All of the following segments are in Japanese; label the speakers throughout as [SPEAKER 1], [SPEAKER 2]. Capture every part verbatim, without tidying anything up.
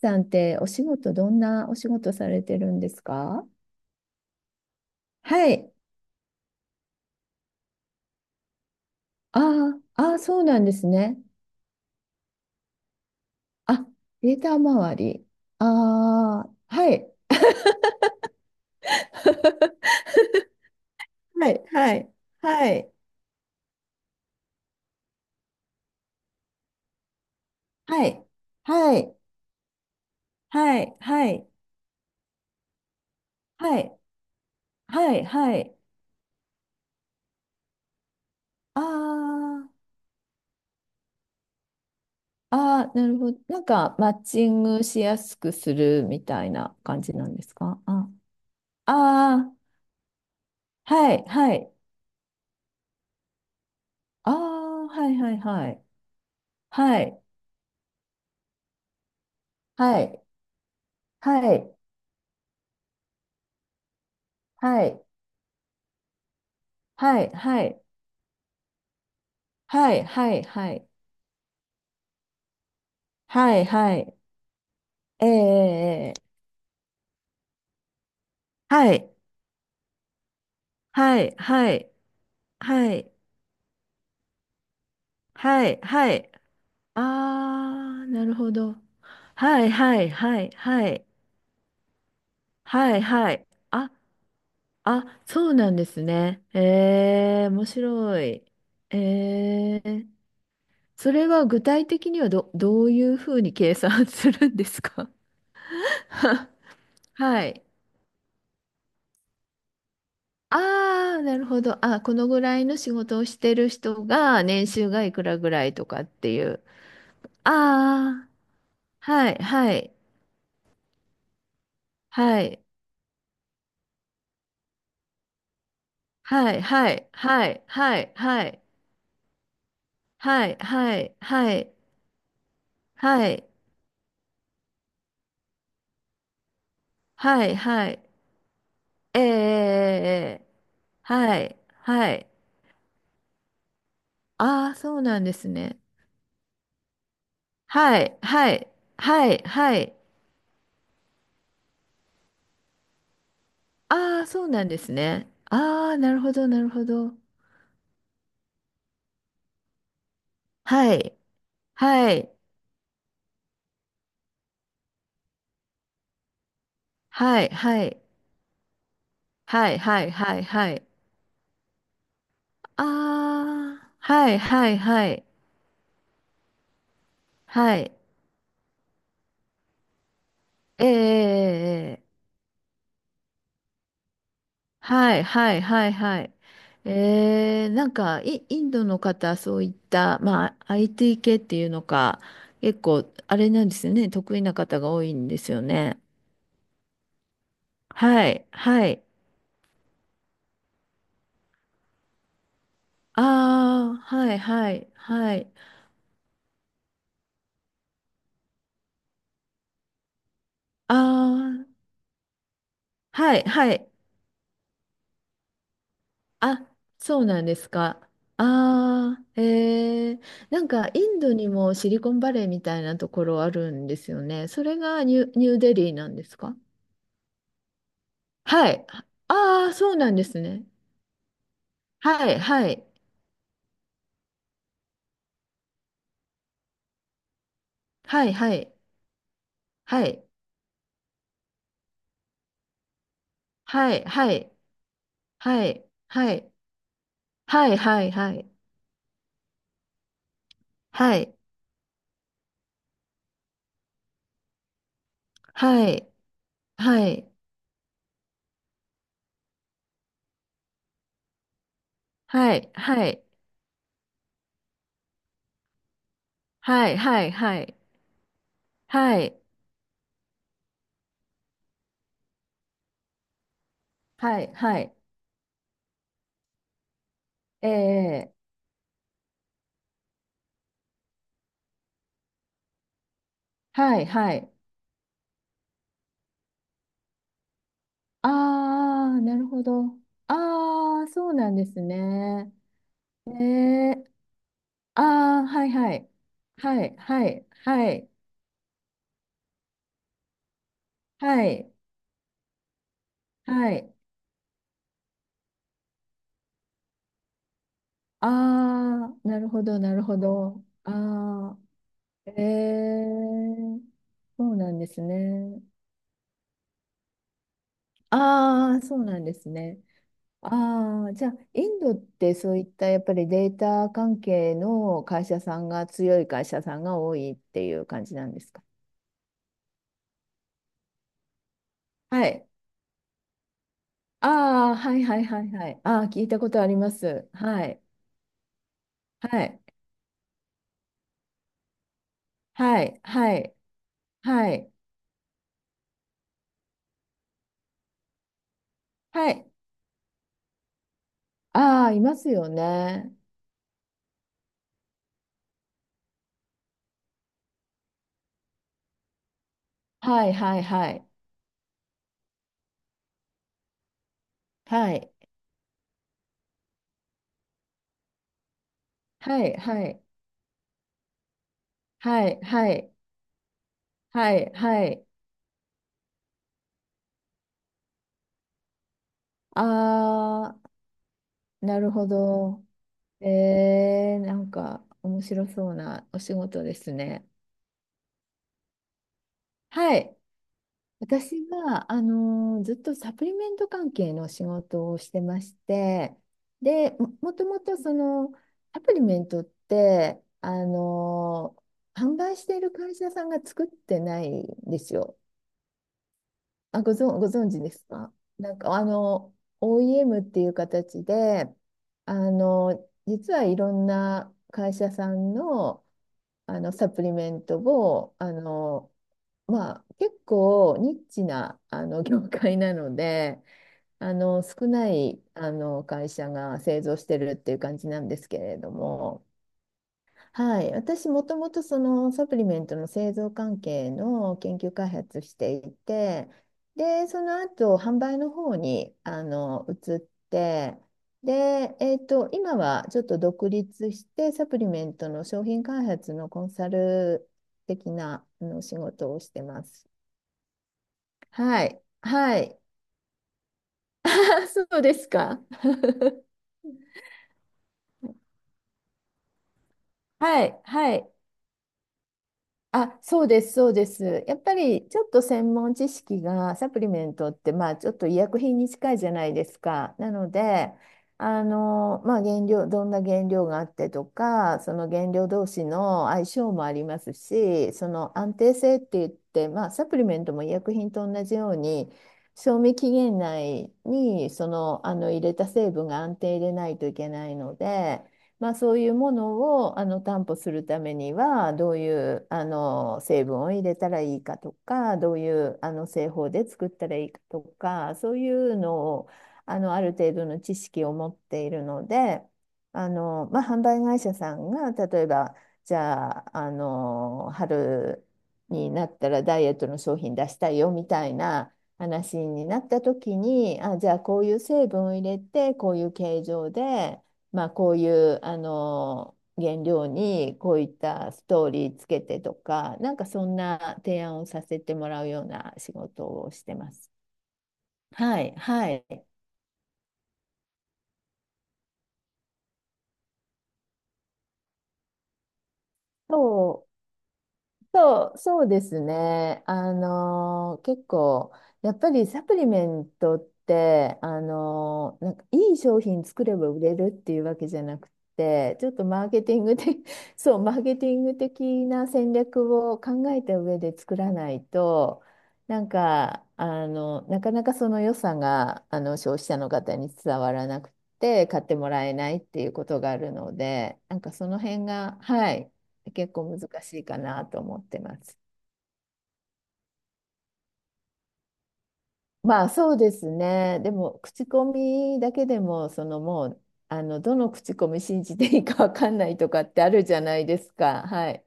[SPEAKER 1] さんってお仕事、どんなお仕事されてるんですか？はい。あーあー、そうなんですね。あ、データ周り。ああ、はい。はい、はい、はい、はい、はい、はい、はい、はい、はい、はい。ああ、ああ、なるほど。なんか、マッチングしやすくするみたいな感じなんですかあ、ああー、はい、はい。ああ、はい、はい、はい。はい、はい。はい、はい、はい、はい、はい、はい、はい、はい、はい、ええ、はい、はい、はい、はい、はい、はい、あー、なるほど。はい、はい、はい、はい、はい、はい、あ、あ、そうなんですね。えー、面白い。えー、それは具体的にはど、どういうふうに計算するんですか？ はい。ああ、なるほど。あ、このぐらいの仕事をしてる人が年収がいくらぐらいとかっていう。ああ、はい、はい、はい、はい、はい、はい、はい、はい、はい、はい、はい、はい、はい、はい、ええ、はい、はい。ああ、そうなんですね。はい、はい、はい、はい。ああ、そうなんですね。ああ、なるほど、なるほど。はい、はい、はい、はい。はいはいはいはい。ああ、はいはいはい。はい。ええええええはいはいはいはい。えー、なんかイ、インドの方、そういった、まあ、アイティー 系っていうのか、結構、あれなんですよね、得意な方が多いんですよね。はい、はい。ああ、はい、はい、はい。ああ、はい、はい。あ、そうなんですか。ああ、えー、なんかインドにもシリコンバレーみたいなところあるんですよね。それがニュ、ニューデリーなんですか？はい。ああー、そうなんですね。はい、はい、はい、はい、はい、はい、はい、はい、はい、はい、はい、はい、はい、はい、はい、はい、はい、はい、はい、はい、はい、はい、はい、えー、はい、はい、ああ、なるほど。ああ、そうなんですね。ねえ。ああ、はいはい。はい、はい、はい、はい、はい。ああ、なるほど、なるほど。ああ、ええ、そうなんですね。ああ、そうなんですね。ああ、じゃあ、インドってそういったやっぱりデータ関係の会社さんが強い会社さんが多いっていう感じなんですか？はい。ああ、はいはいはいはい。ああ、聞いたことあります。はい。はい。はい。はい。はい。はい。ああ、いますよね。はいはいはい。はい。はいはい。はい。はい。はい。はい。ああ、なるほど。えー、なんか面白そうなお仕事ですね。はい。私が、あのーずっとサプリメント関係の仕事をしてまして、で、も、もともとそのサプリメントって、あのー販売している会社さんが作ってないんですよ。あ、ご存、ご存知ですか？なんか、あの、オーイーエム っていう形で、あの、実はいろんな会社さんの、あのサプリメントをあの、まあ、結構ニッチなあの 業界なので、あの少ないあの会社が製造してるっていう感じなんですけれども。はい、私もともとそのサプリメントの製造関係の研究開発していて、でその後販売の方にあの移って、で、えっと、今はちょっと独立してサプリメントの商品開発のコンサル的なあの仕事をしてます。はい、はい、そうですか。はい、はい。あ、そうです、そうです。やっぱりちょっと専門知識がサプリメントって、まあ、ちょっと医薬品に近いじゃないですか。なので、あの、まあ、原料、どんな原料があってとか、その原料同士の相性もありますし、その安定性って言って、まあ、サプリメントも医薬品と同じように、賞味期限内にその、あの入れた成分が安定でないといけないので、まあ、そういうものをあの担保するためにはどういうあの成分を入れたらいいかとかどういうあの製法で作ったらいいかとかそういうのを、あのある程度の知識を持っているので、あの、まあ、販売会社さんが例えば、じゃあ、あの春になったらダイエットの商品出したいよみたいな話になった時に、あじゃあこういう成分を入れてこういう形状で。まあ、こういうあの原料にこういったストーリーつけてとか、なんかそんな提案をさせてもらうような仕事をしてます。はい、はい。そうそう、そうですね。あのー結構、やっぱりサプリメントって、あのーなんかいい商品作れば売れるっていうわけじゃなくて、ちょっとマーケティング的、そう、マーケティング的な戦略を考えた上で作らないと、なんか、あの、なかなかその良さが、あの、消費者の方に伝わらなくて、買ってもらえないっていうことがあるので、なんかその辺が、はい。結構難しいかなと思ってます。まあそうですね。でも口コミだけでもそのもう、あのどの口コミ信じていいかわかんないとかってあるじゃないですか。はい。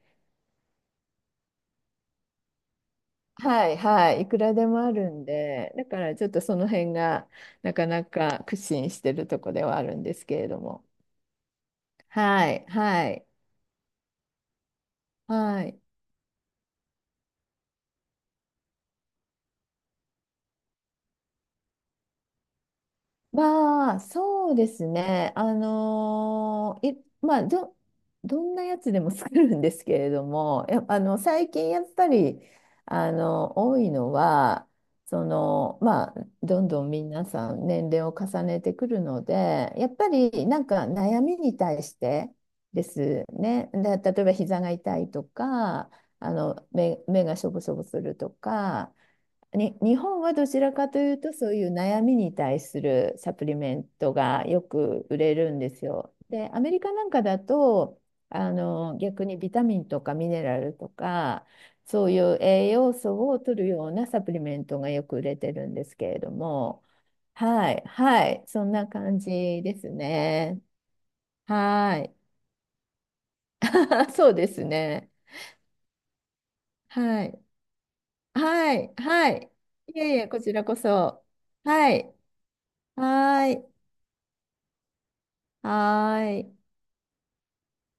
[SPEAKER 1] はいはい。いくらでもあるんで、だからちょっとその辺がなかなか苦心してるとこではあるんですけれども。はいはいはい。まあ、そうですね。あのーい、まあ、ど、どんなやつでも作るんですけれども、や、あの、最近やっぱり、あの、多いのは、その、まあ、どんどん皆さん年齢を重ねてくるので、やっぱりなんか悩みに対してですね。で、例えば膝が痛いとか、あの、目、目がしょぼしょぼするとか、に、日本はどちらかというと、そういう悩みに対するサプリメントがよく売れるんですよ。で、アメリカなんかだと、あの、逆にビタミンとかミネラルとか、そういう栄養素を取るようなサプリメントがよく売れてるんですけれども、はい、はい、そんな感じですね。はい そうですね。はい。はい。はい。いえいえ、こちらこそ。はい。はーい。はーい。